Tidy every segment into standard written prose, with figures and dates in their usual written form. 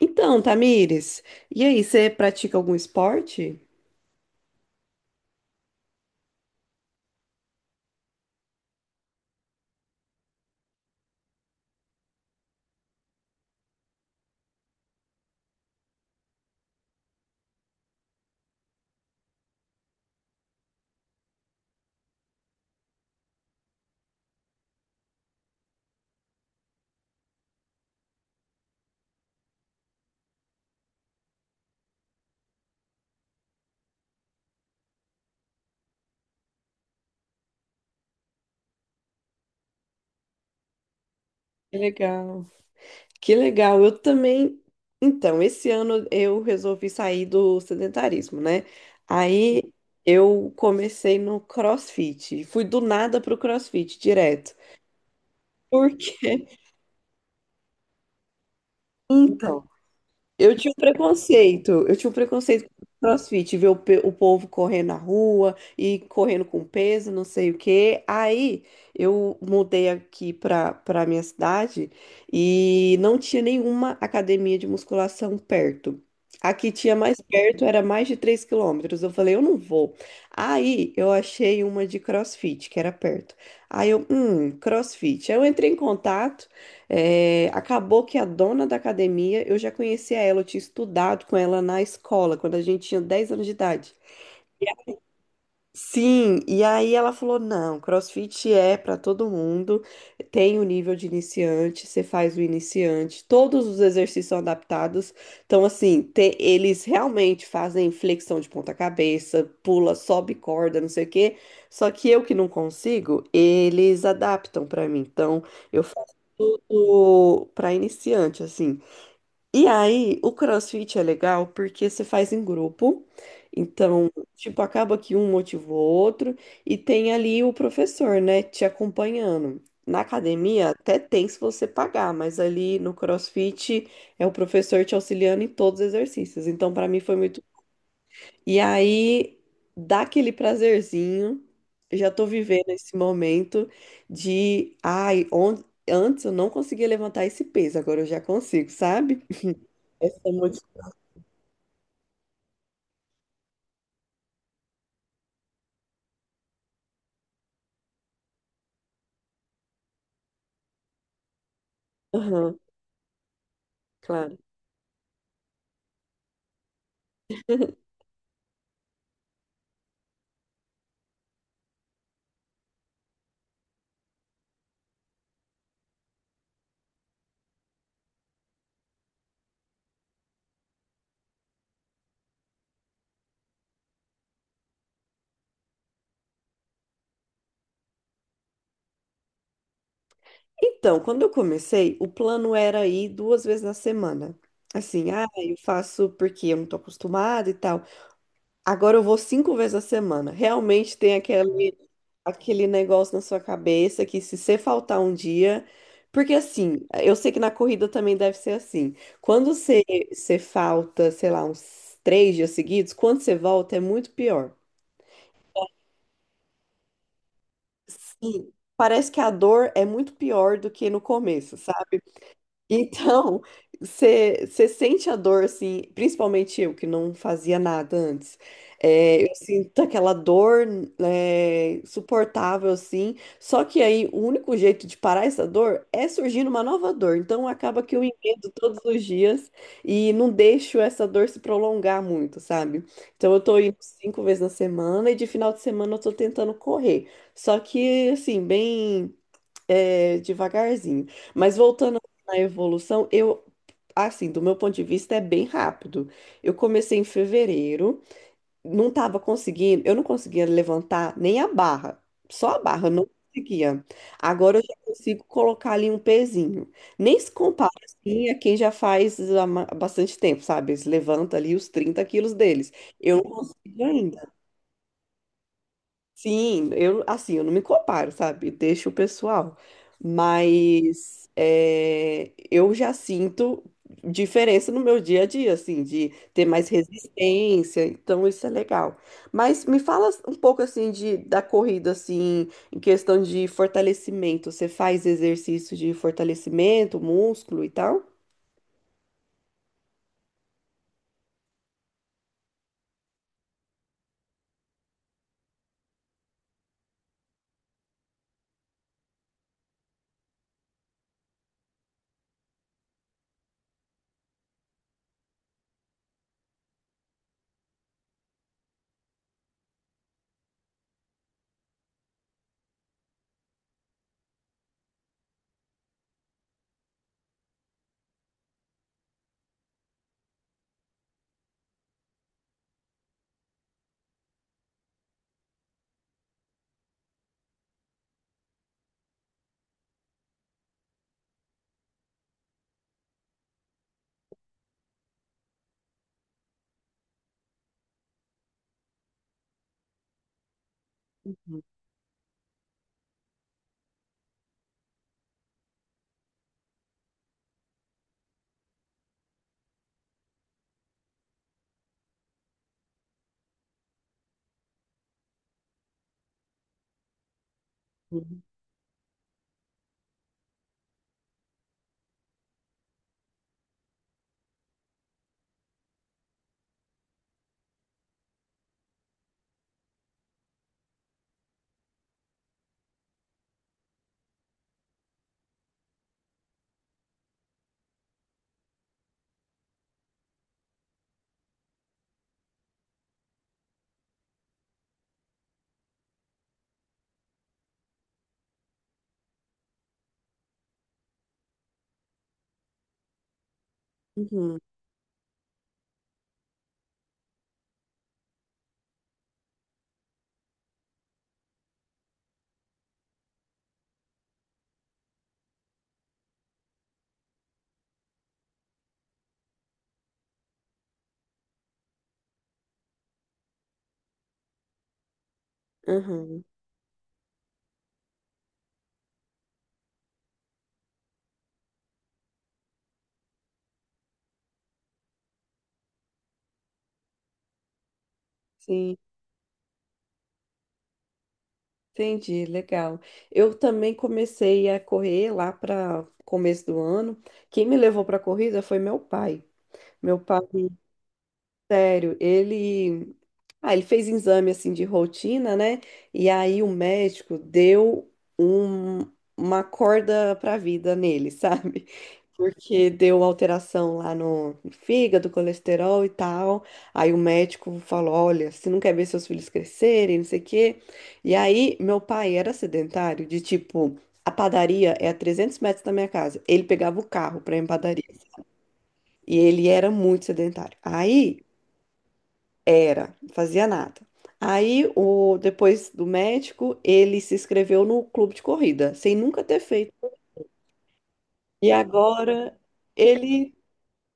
Então, Tamires, e aí, você pratica algum esporte? Que legal. Que legal. Eu também. Então, esse ano eu resolvi sair do sedentarismo, né? Aí eu comecei no CrossFit. Fui do nada pro CrossFit direto. Por quê? Então, eu tinha um preconceito com CrossFit, ver o povo correndo na rua e correndo com peso, não sei o quê. Aí eu mudei aqui para minha cidade e não tinha nenhuma academia de musculação perto. Aqui tinha mais perto, era mais de 3 quilômetros. Eu falei, eu não vou. Aí eu achei uma de CrossFit, que era perto. Aí eu, CrossFit. Aí eu entrei em contato. É, acabou que a dona da academia, eu já conhecia ela, eu tinha estudado com ela na escola, quando a gente tinha 10 anos de idade. Sim, e aí ela falou: não, CrossFit é para todo mundo, tem o nível de iniciante, você faz o iniciante, todos os exercícios são adaptados. Então, assim, eles realmente fazem flexão de ponta-cabeça, pula, sobe corda, não sei o quê. Só que eu que não consigo, eles adaptam para mim. Então, eu faço tudo para iniciante, assim. E aí, o CrossFit é legal porque você faz em grupo. Então, tipo, acaba que um motiva o outro e tem ali o professor, né, te acompanhando. Na academia até tem se você pagar, mas ali no CrossFit é o professor te auxiliando em todos os exercícios. Então, pra mim foi muito. E aí, dá aquele prazerzinho. Eu já tô vivendo esse momento de, ai, antes eu não conseguia levantar esse peso, agora eu já consigo, sabe? Essa Aham, claro. Então, quando eu comecei, o plano era ir duas vezes na semana. Assim, ah, eu faço porque eu não tô acostumada e tal. Agora eu vou cinco vezes na semana. Realmente tem aquele, aquele negócio na sua cabeça que se você faltar um dia. Porque assim, eu sei que na corrida também deve ser assim. Quando você, você falta, sei lá, uns 3 dias seguidos, quando você volta é muito pior. Sim, parece que a dor é muito pior do que no começo, sabe? Então, você sente a dor, assim, principalmente eu, que não fazia nada antes. É, eu sinto aquela dor, é, suportável, assim. Só que aí o único jeito de parar essa dor é surgindo uma nova dor. Então, acaba que eu emendo todos os dias e não deixo essa dor se prolongar muito, sabe? Então, eu tô indo cinco vezes na semana e de final de semana eu tô tentando correr. Só que, assim, bem é, devagarzinho. Mas voltando na evolução, eu, assim, do meu ponto de vista, é bem rápido. Eu comecei em fevereiro, não estava conseguindo, eu não conseguia levantar nem a barra, só a barra, eu não conseguia. Agora eu já consigo colocar ali um pezinho. Nem se compara assim a quem já faz há bastante tempo, sabe? Eles levantam ali os 30 quilos deles. Eu não consigo ainda. Sim, eu assim, eu não me comparo, sabe? Deixa o pessoal. Mas é, eu já sinto diferença no meu dia a dia, assim, de ter mais resistência, então isso é legal. Mas me fala um pouco assim de da corrida assim, em questão de fortalecimento. Você faz exercício de fortalecimento, músculo e tal? Uhum. Uhum. Uhum. Sim. Entendi, legal. Eu também comecei a correr lá para começo do ano. Quem me levou para a corrida foi meu pai. Meu pai. Sério, ele. Ah, ele fez exame assim de rotina, né? E aí o médico deu um- uma corda pra vida nele, sabe? Porque deu alteração lá no fígado, colesterol e tal. Aí o médico falou: olha, você não quer ver seus filhos crescerem, não sei o quê. E aí meu pai era sedentário, de tipo, a padaria é a 300 metros da minha casa. Ele pegava o carro pra ir em padaria. E ele era muito sedentário. Aí era, não fazia nada. Aí, depois do médico, ele se inscreveu no clube de corrida, sem nunca ter feito. E agora ele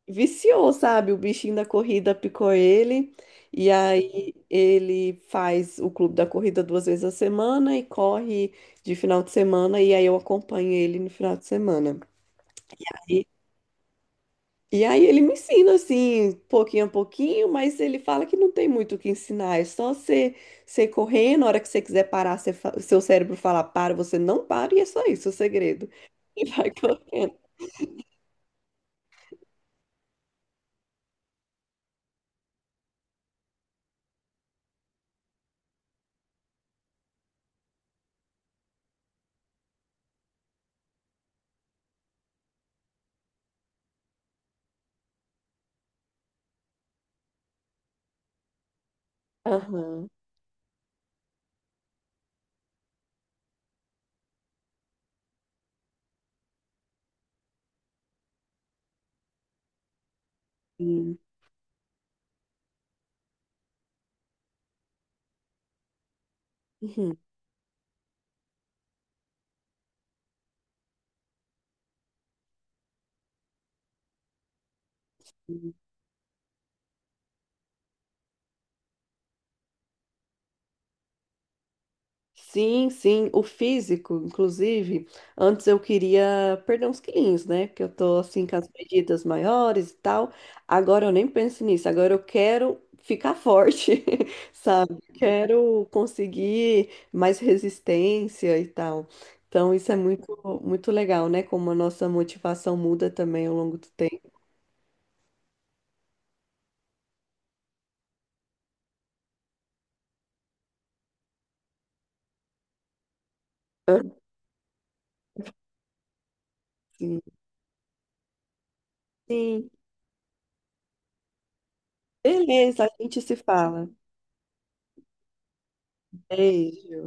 viciou, sabe? O bichinho da corrida picou ele. E aí ele faz o clube da corrida duas vezes a semana e corre de final de semana. E aí eu acompanho ele no final de semana. E aí ele me ensina assim, pouquinho a pouquinho, mas ele fala que não tem muito o que ensinar, é só você, você ir correndo, na hora que você quiser parar, você seu cérebro fala para, você não para, e é só isso o segredo. E vai correndo. Aham. Sim. Sim, sim, o físico, inclusive, antes eu queria perder uns quilinhos, né? Porque eu tô assim com as medidas maiores e tal. Agora eu nem penso nisso, agora eu quero ficar forte, sabe? Quero conseguir mais resistência e tal. Então isso é muito, muito legal, né? Como a nossa motivação muda também ao longo do tempo. Sim. Sim. Beleza, a gente se fala. Beijo.